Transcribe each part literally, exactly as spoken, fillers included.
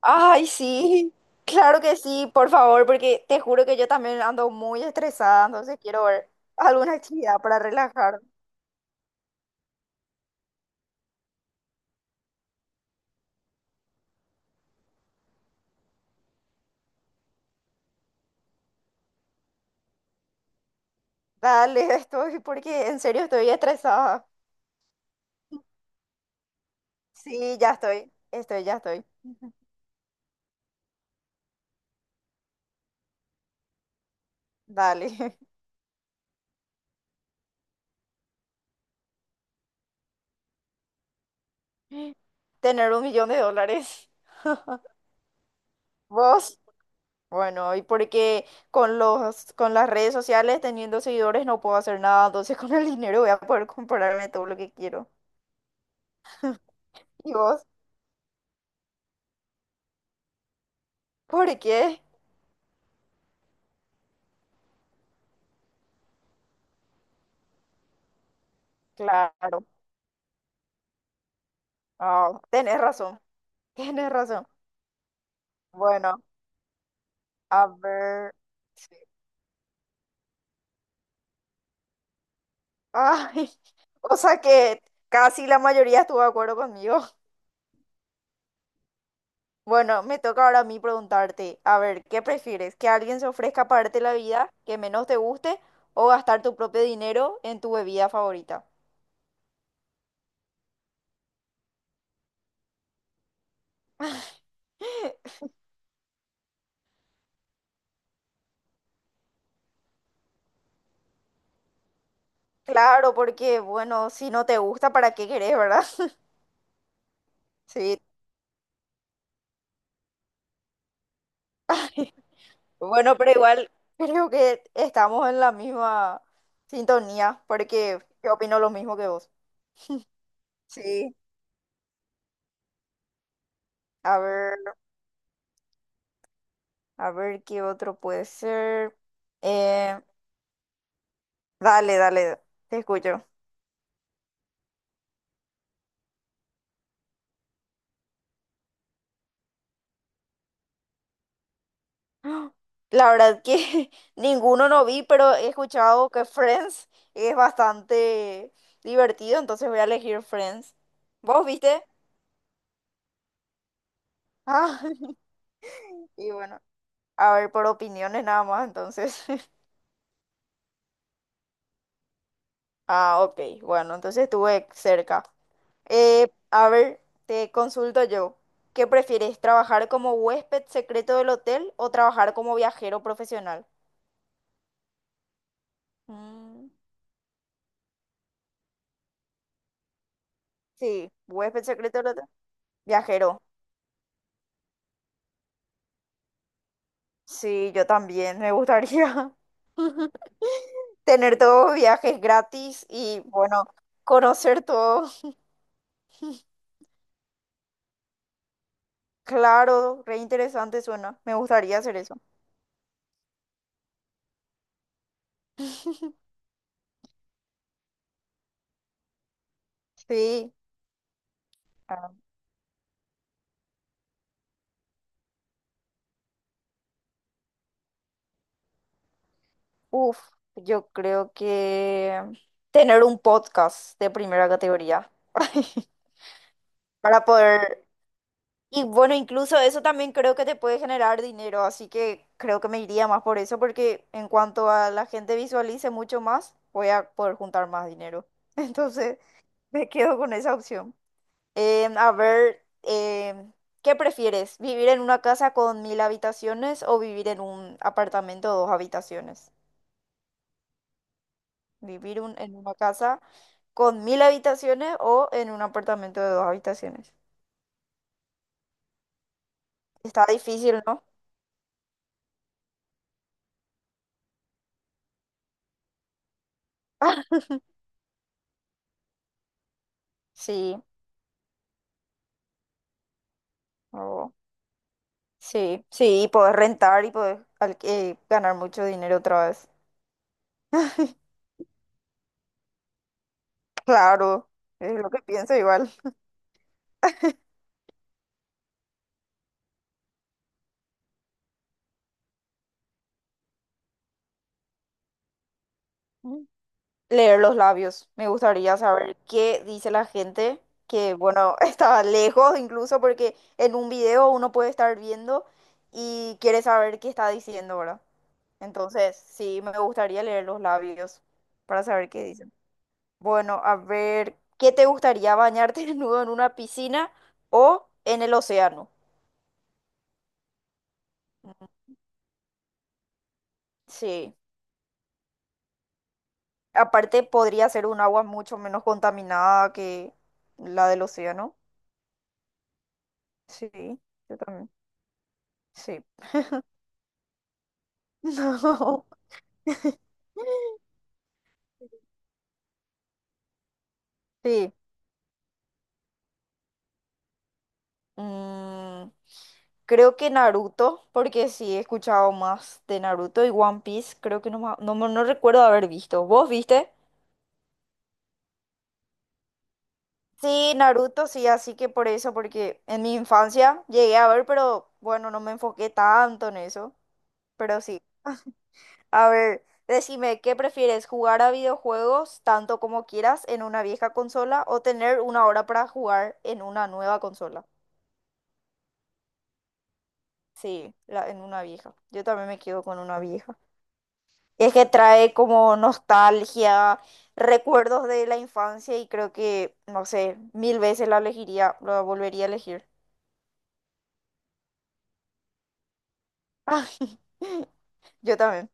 Ay, sí, claro que sí, por favor, porque te juro que yo también ando muy estresada, entonces quiero ver alguna actividad para relajar. Dale, estoy, porque en serio estoy estresada. Sí, ya estoy, estoy, ya estoy. Dale. Tener un millón de dólares. ¿Vos? Bueno, y porque con los, con las redes sociales, teniendo seguidores, no puedo hacer nada, entonces con el dinero voy a poder comprarme todo lo que quiero. ¿Y vos? ¿Por qué? Claro. Ah, tienes razón, tienes razón. Bueno, a ver. sí. Ay, o sea que casi la mayoría estuvo de acuerdo conmigo. Bueno, me toca ahora a mí preguntarte, a ver, ¿qué prefieres? ¿Que alguien se ofrezca a pagarte la vida que menos te guste o gastar tu propio dinero en tu bebida favorita? Claro, porque bueno, si no te gusta, ¿para qué querés, verdad? Sí, bueno, pero igual creo que estamos en la misma sintonía, porque yo opino lo mismo que vos. Sí, a ver, a ver qué otro puede ser. Eh, dale, dale, te escucho. ¡Ah! La verdad que ninguno no vi, pero he escuchado que Friends es bastante divertido, entonces voy a elegir Friends. ¿Vos viste? Ah, y bueno, a ver, por opiniones nada más, entonces. Ah, ok, bueno, entonces estuve cerca. Eh, a ver, te consulto yo. ¿Qué prefieres, trabajar como huésped secreto del hotel o trabajar como viajero profesional? Mm, sí, huésped secreto del hotel. Viajero. Sí, yo también, me gustaría tener todos viajes gratis y bueno, conocer todo. Claro, re interesante suena. Me gustaría hacer eso. Sí. ah, Uf, yo creo que tener un podcast de primera categoría. Para poder... Y bueno, incluso eso también creo que te puede generar dinero, así que creo que me iría más por eso, porque en cuanto a la gente visualice mucho más, voy a poder juntar más dinero. Entonces, me quedo con esa opción. Em, a ver, em, ¿qué prefieres? ¿Vivir en una casa con mil habitaciones o vivir en un apartamento de dos habitaciones? ¿Vivir un- en una casa con mil habitaciones o en un apartamento de dos habitaciones? Está difícil, ¿no? Sí. no. Sí, sí, y podés rentar y podés al- eh, ganar mucho dinero otra vez. Claro, es lo que pienso igual. Mm. Leer los labios. Me gustaría saber qué dice la gente, que bueno, está lejos incluso porque en un video uno puede estar viendo y quiere saber qué está diciendo, ¿verdad? Entonces, sí, me gustaría leer los labios para saber qué dicen. Bueno, a ver, ¿qué te gustaría bañarte desnudo en una piscina o en el océano? Mm, Sí. Aparte, podría ser un agua mucho menos contaminada que la del océano. Sí, yo también. Sí. No. Sí. Mm, Creo que Naruto, porque sí he escuchado más de Naruto y One Piece. Creo que no, ma- no, me- no recuerdo haber visto. ¿Vos viste? Sí, Naruto, sí, así que por eso, porque en mi infancia llegué a ver, pero bueno, no me enfoqué tanto en eso. Pero sí. A ver, decime, ¿qué prefieres? ¿Jugar a videojuegos tanto como quieras en una vieja consola o tener una hora para jugar en una nueva consola? Sí, la, en una vieja. Yo también me quedo con una vieja. Es que trae como nostalgia, recuerdos de la infancia y creo que, no sé, mil veces la elegiría, la volvería a elegir. Yo también.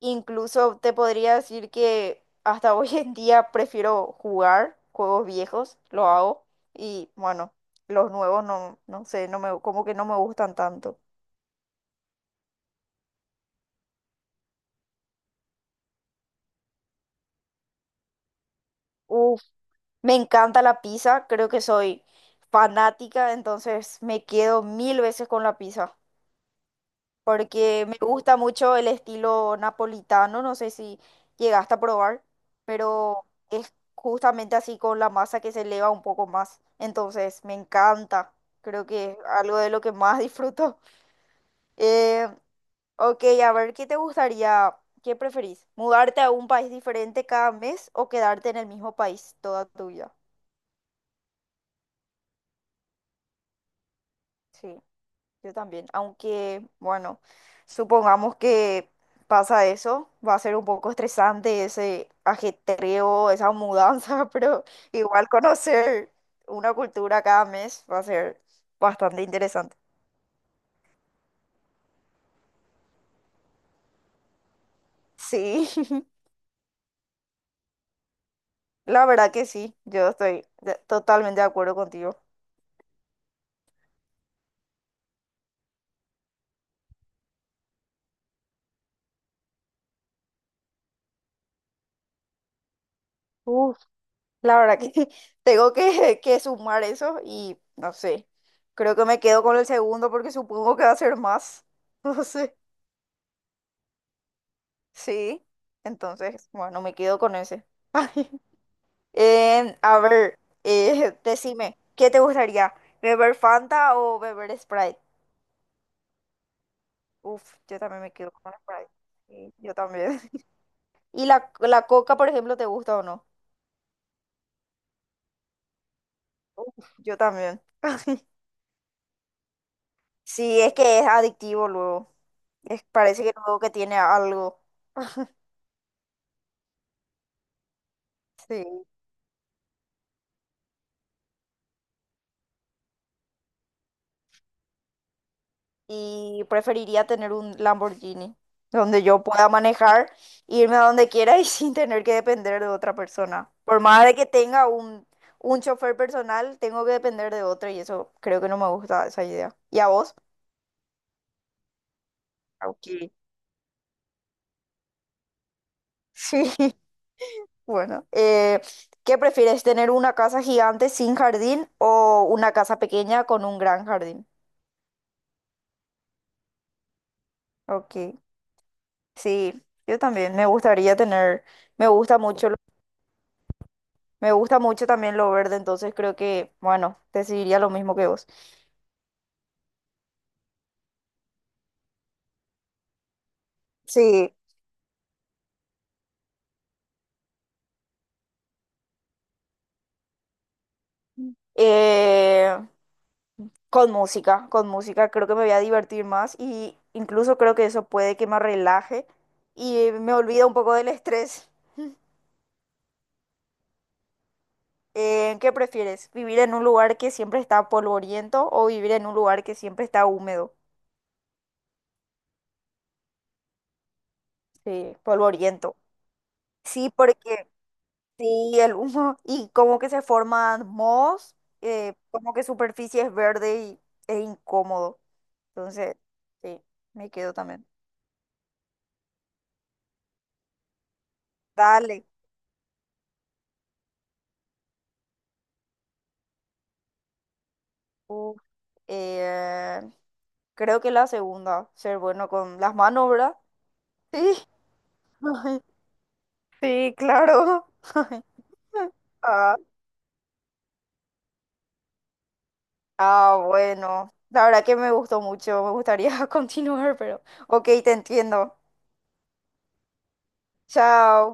Incluso te podría decir que hasta hoy en día prefiero jugar juegos viejos, lo hago. Y bueno, los nuevos no, no sé, no me, como que no me gustan tanto. Uf, me encanta la pizza, creo que soy fanática, entonces me quedo mil veces con la pizza. porque me gusta mucho el estilo napolitano, no sé si llegaste a probar, pero es justamente así con la masa que se eleva un poco más, entonces me encanta, creo que es algo de lo que más disfruto. Eh, ok, a ver, ¿qué te gustaría, qué preferís? ¿Mudarte a un país diferente cada mes o quedarte en el mismo país toda tu vida? Sí. Yo también, aunque, bueno, supongamos que pasa eso, va a ser un poco estresante ese ajetreo, esa mudanza, pero igual conocer una cultura cada mes va a ser bastante interesante. Sí, la verdad que sí, yo estoy de- totalmente de acuerdo contigo. Uf, la verdad que tengo que, que sumar eso y no sé, creo que me quedo con el segundo porque supongo que va a ser más, no sé. Sí, entonces, bueno, me quedo con ese. Em, a ver, eh, decime, ¿qué te gustaría? ¿Beber Fanta o beber Sprite? Uf, yo también me quedo con Sprite. Sí, yo también. ¿Y la, la Coca, por ejemplo, te gusta o no? Uf, yo también. Sí, es que es adictivo luego. Es- parece que luego que tiene algo. Sí. y preferiría tener un Lamborghini donde yo pueda manejar, e irme a donde quiera y sin tener que depender de otra persona. Por más de que tenga un, un chofer personal, tengo que depender de otro y eso creo que no me gusta esa idea. ¿Y a vos? Ok. Sí, bueno. eh, ¿qué prefieres, tener una casa gigante sin jardín o una casa pequeña con un gran jardín? Ok, sí, yo también me gustaría tener, me gusta mucho. Me gusta mucho también lo verde, entonces creo que, bueno, decidiría lo mismo que vos. Sí. Eh, con música, con música creo que me voy a divertir más y incluso creo que eso puede que me relaje y me olvida un poco del estrés. Eh, ¿qué prefieres? ¿Vivir en un lugar que siempre está polvoriento o vivir en un lugar que siempre está húmedo? Sí, polvoriento. Sí, porque Sí, el humo, y como que se forman mohos, eh, como que superficie es verde y es incómodo. Entonces, sí, me quedo también. Dale. Uf, eh, creo que la segunda, ser bueno con las manos, ¿verdad? Sí, sí, claro. Ah, ah, bueno, la verdad que me gustó mucho, me gustaría continuar, pero ok, te entiendo. Chao.